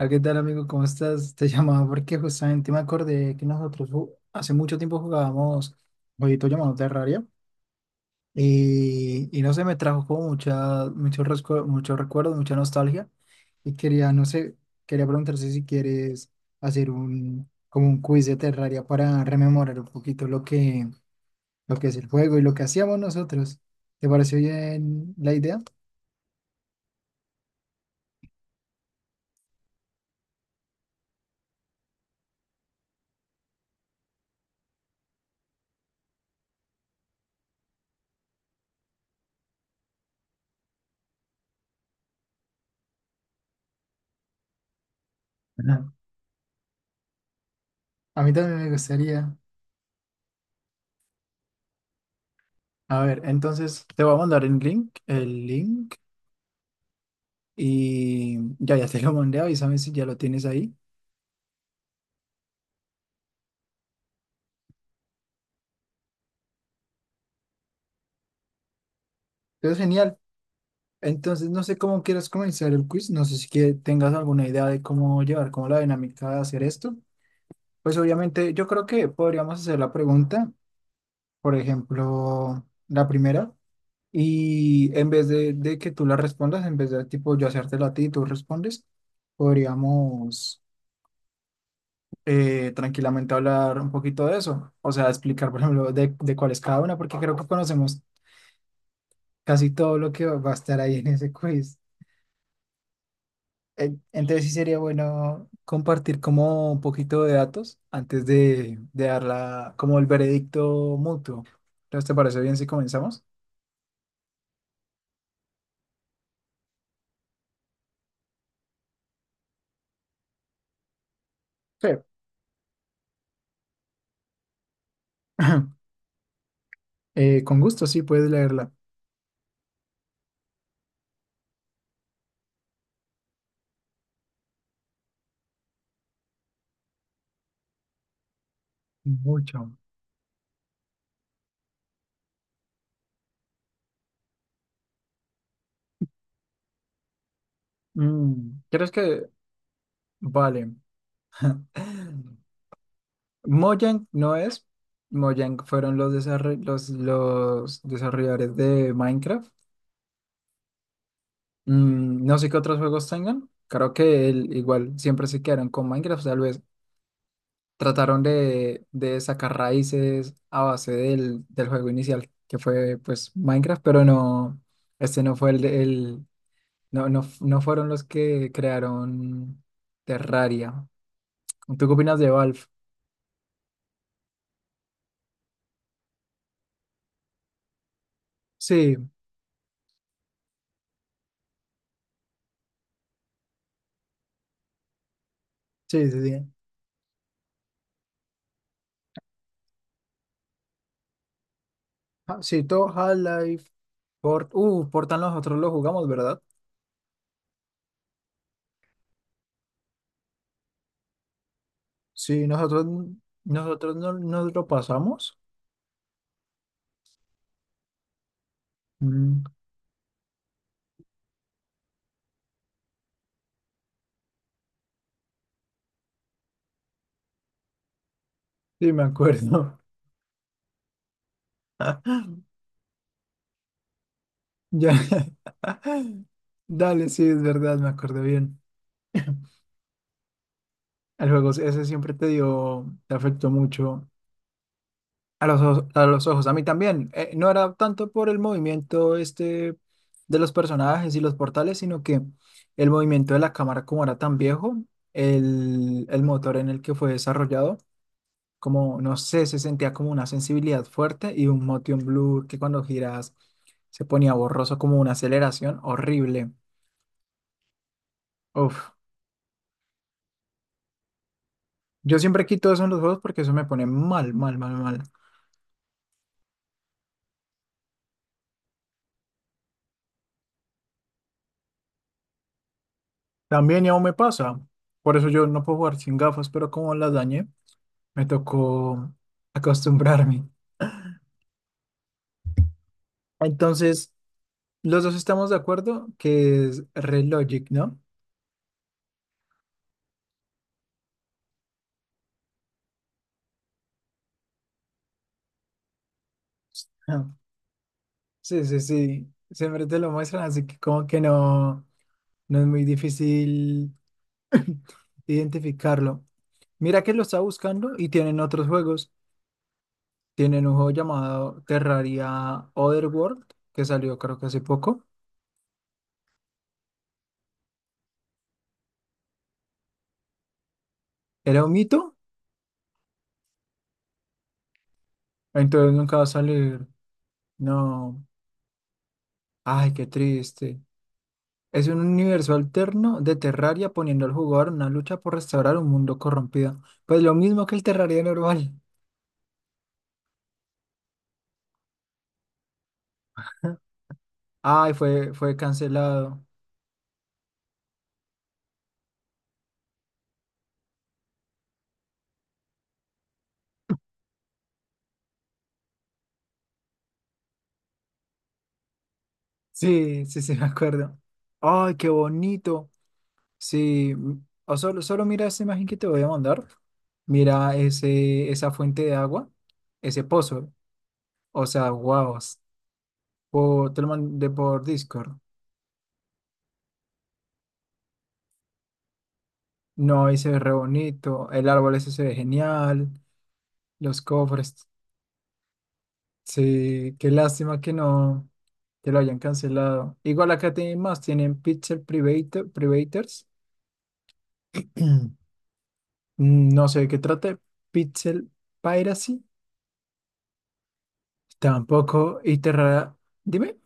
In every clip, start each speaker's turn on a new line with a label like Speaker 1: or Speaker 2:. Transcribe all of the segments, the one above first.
Speaker 1: Ah, ¿Qué tal, amigo? ¿Cómo estás? Te llamaba porque justamente me acordé que nosotros hace mucho tiempo jugábamos un jueguito llamado Terraria y no sé, me trajo como mucha, mucho recuerdo, mucha nostalgia y quería, no sé, quería preguntarte si quieres hacer un, como un quiz de Terraria para rememorar un poquito lo que es el juego y lo que hacíamos nosotros. ¿Te pareció bien la idea? Ajá. A mí también me gustaría. A ver, entonces te voy a mandar el link y ya, ya te lo mandé, avísame si ya lo tienes ahí. Pero genial. Entonces, no sé cómo quieras comenzar el quiz, no sé si que tengas alguna idea de cómo llevar, como la dinámica de hacer esto. Pues obviamente yo creo que podríamos hacer la pregunta, por ejemplo, la primera, y en vez de que tú la respondas, en vez de tipo yo hacértela a ti y tú respondes, podríamos tranquilamente hablar un poquito de eso. O sea, explicar, por ejemplo, de cuál es cada una, porque creo que conocemos casi todo lo que va a estar ahí en ese quiz. Entonces sí sería bueno compartir como un poquito de datos antes de dar la, como el veredicto mutuo. Entonces, ¿te parece bien si comenzamos? Sí. Con gusto, sí, puedes leerla. Mucho. Mm, ¿crees que...? Vale. Mojang no es. Mojang fueron los desarrolladores de Minecraft. Mm, no sé qué otros juegos tengan. Creo que igual siempre se quedaron con Minecraft. Tal vez trataron de sacar raíces a base del, del juego inicial, que fue pues Minecraft, pero no, este no fue el, no, no fueron los que crearon Terraria. ¿Tú qué opinas de Valve? Sí, sí, sí, sí. Ah, sí, todo Half-Life, Portal nosotros lo jugamos, ¿verdad? Sí, nosotros no, nos lo pasamos. Mm, sí, me acuerdo. Ya. Dale, sí, es verdad, me acuerdo bien. El juego ese siempre te dio, te afectó mucho. A a los ojos, a mí también. No era tanto por el movimiento este de los personajes y los portales, sino que el movimiento de la cámara, como era tan viejo, el motor en el que fue desarrollado, como no sé, se sentía como una sensibilidad fuerte y un motion blur que cuando giras se ponía borroso, como una aceleración horrible. Uf, yo siempre quito eso en los juegos porque eso me pone mal, mal, mal, mal. También ya aún me pasa, por eso yo no puedo jugar sin gafas, pero como las dañé, me tocó acostumbrarme. Entonces, los dos estamos de acuerdo que es Relogic, ¿no? Ah, sí, sí, sí. Siempre te lo muestran, así que como que no, no es muy difícil identificarlo. Mira que lo está buscando y tienen otros juegos. Tienen un juego llamado Terraria Otherworld, que salió creo que hace poco. Era un mito, entonces nunca va a salir. No, ay, qué triste. Es un universo alterno de Terraria poniendo al jugador en una lucha por restaurar un mundo corrompido. Pues lo mismo que el Terraria normal. Ay, fue, fue cancelado. Sí, sí, sí, me acuerdo. Ay, qué bonito. Sí, o solo, solo mira esa imagen que te voy a mandar. Mira ese, esa fuente de agua, ese pozo. O sea, wow. Te lo mandé por Discord. No, ahí se ve re bonito. El árbol ese se ve genial. Los cofres. Sí, qué lástima que no, que lo hayan cancelado. Igual acá tienen más, tienen Pixel Private, Privators. No sé de qué trate. Pixel Piracy. Tampoco. Dime.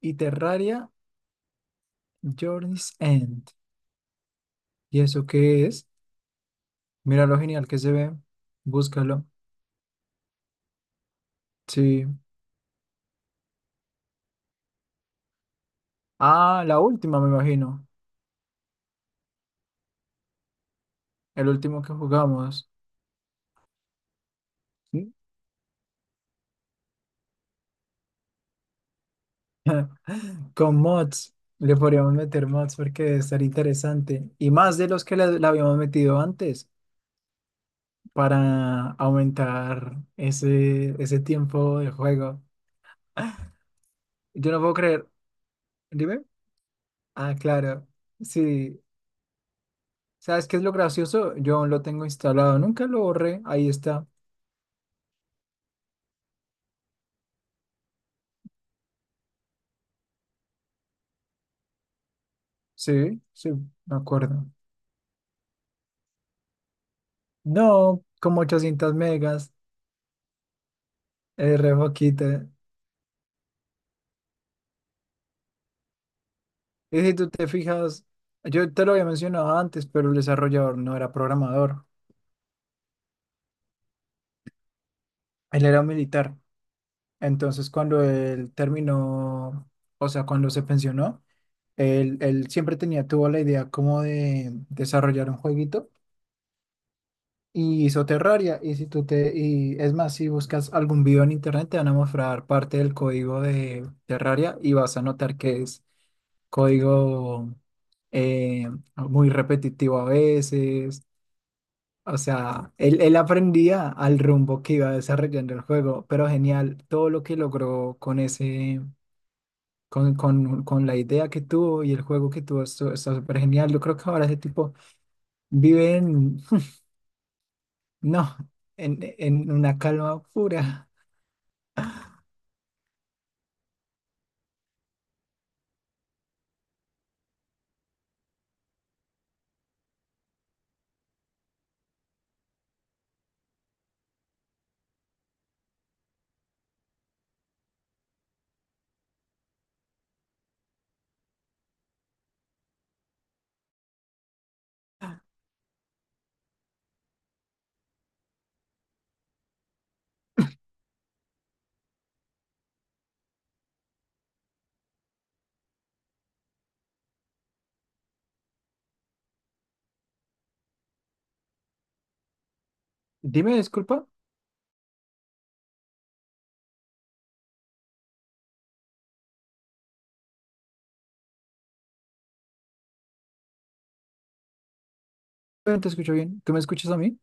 Speaker 1: Y Terraria Journey's End. ¿Y eso qué es? Mira lo genial que se ve. Búscalo. Sí. Ah, la última, me imagino. El último que jugamos. Con mods, le podríamos meter mods porque debe estar interesante. Y más de los que le habíamos metido antes para aumentar ese, ese tiempo de juego. Yo no puedo creer. Dime. Ah, claro. Sí. ¿Sabes qué es lo gracioso? Yo aún lo tengo instalado. Nunca lo borré. Ahí está. Sí, sí, me acuerdo. No, como 800 megas. Es re poquita. Y si tú te fijas, yo te lo había mencionado antes, pero el desarrollador no era programador. Él era militar. Entonces, cuando él terminó, o sea, cuando se pensionó, él siempre tenía, tuvo la idea como de desarrollar un jueguito y hizo Terraria. Y si tú te, y es más, si buscas algún video en internet, te van a mostrar parte del código de Terraria y vas a notar que es código eh, muy repetitivo a veces. O sea, él aprendía al rumbo que iba desarrollando el juego, pero genial todo lo que logró con ese, con la idea que tuvo y el juego que tuvo, está súper genial. Yo creo que ahora ese tipo vive en, no, en una calma pura. Dime, disculpa, pero no te escucho bien. ¿Tú me escuchas a mí?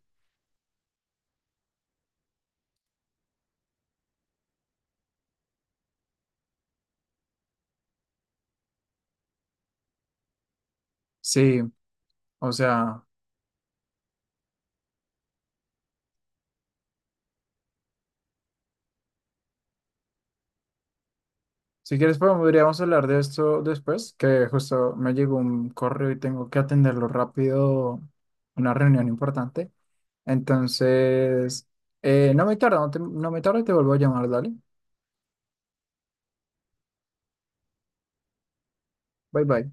Speaker 1: Sí, o sea, si quieres podríamos hablar de esto después, que justo me llegó un correo y tengo que atenderlo rápido, una reunión importante. Entonces, no me tarda, no me tarda y te vuelvo a llamar, dale. Bye bye.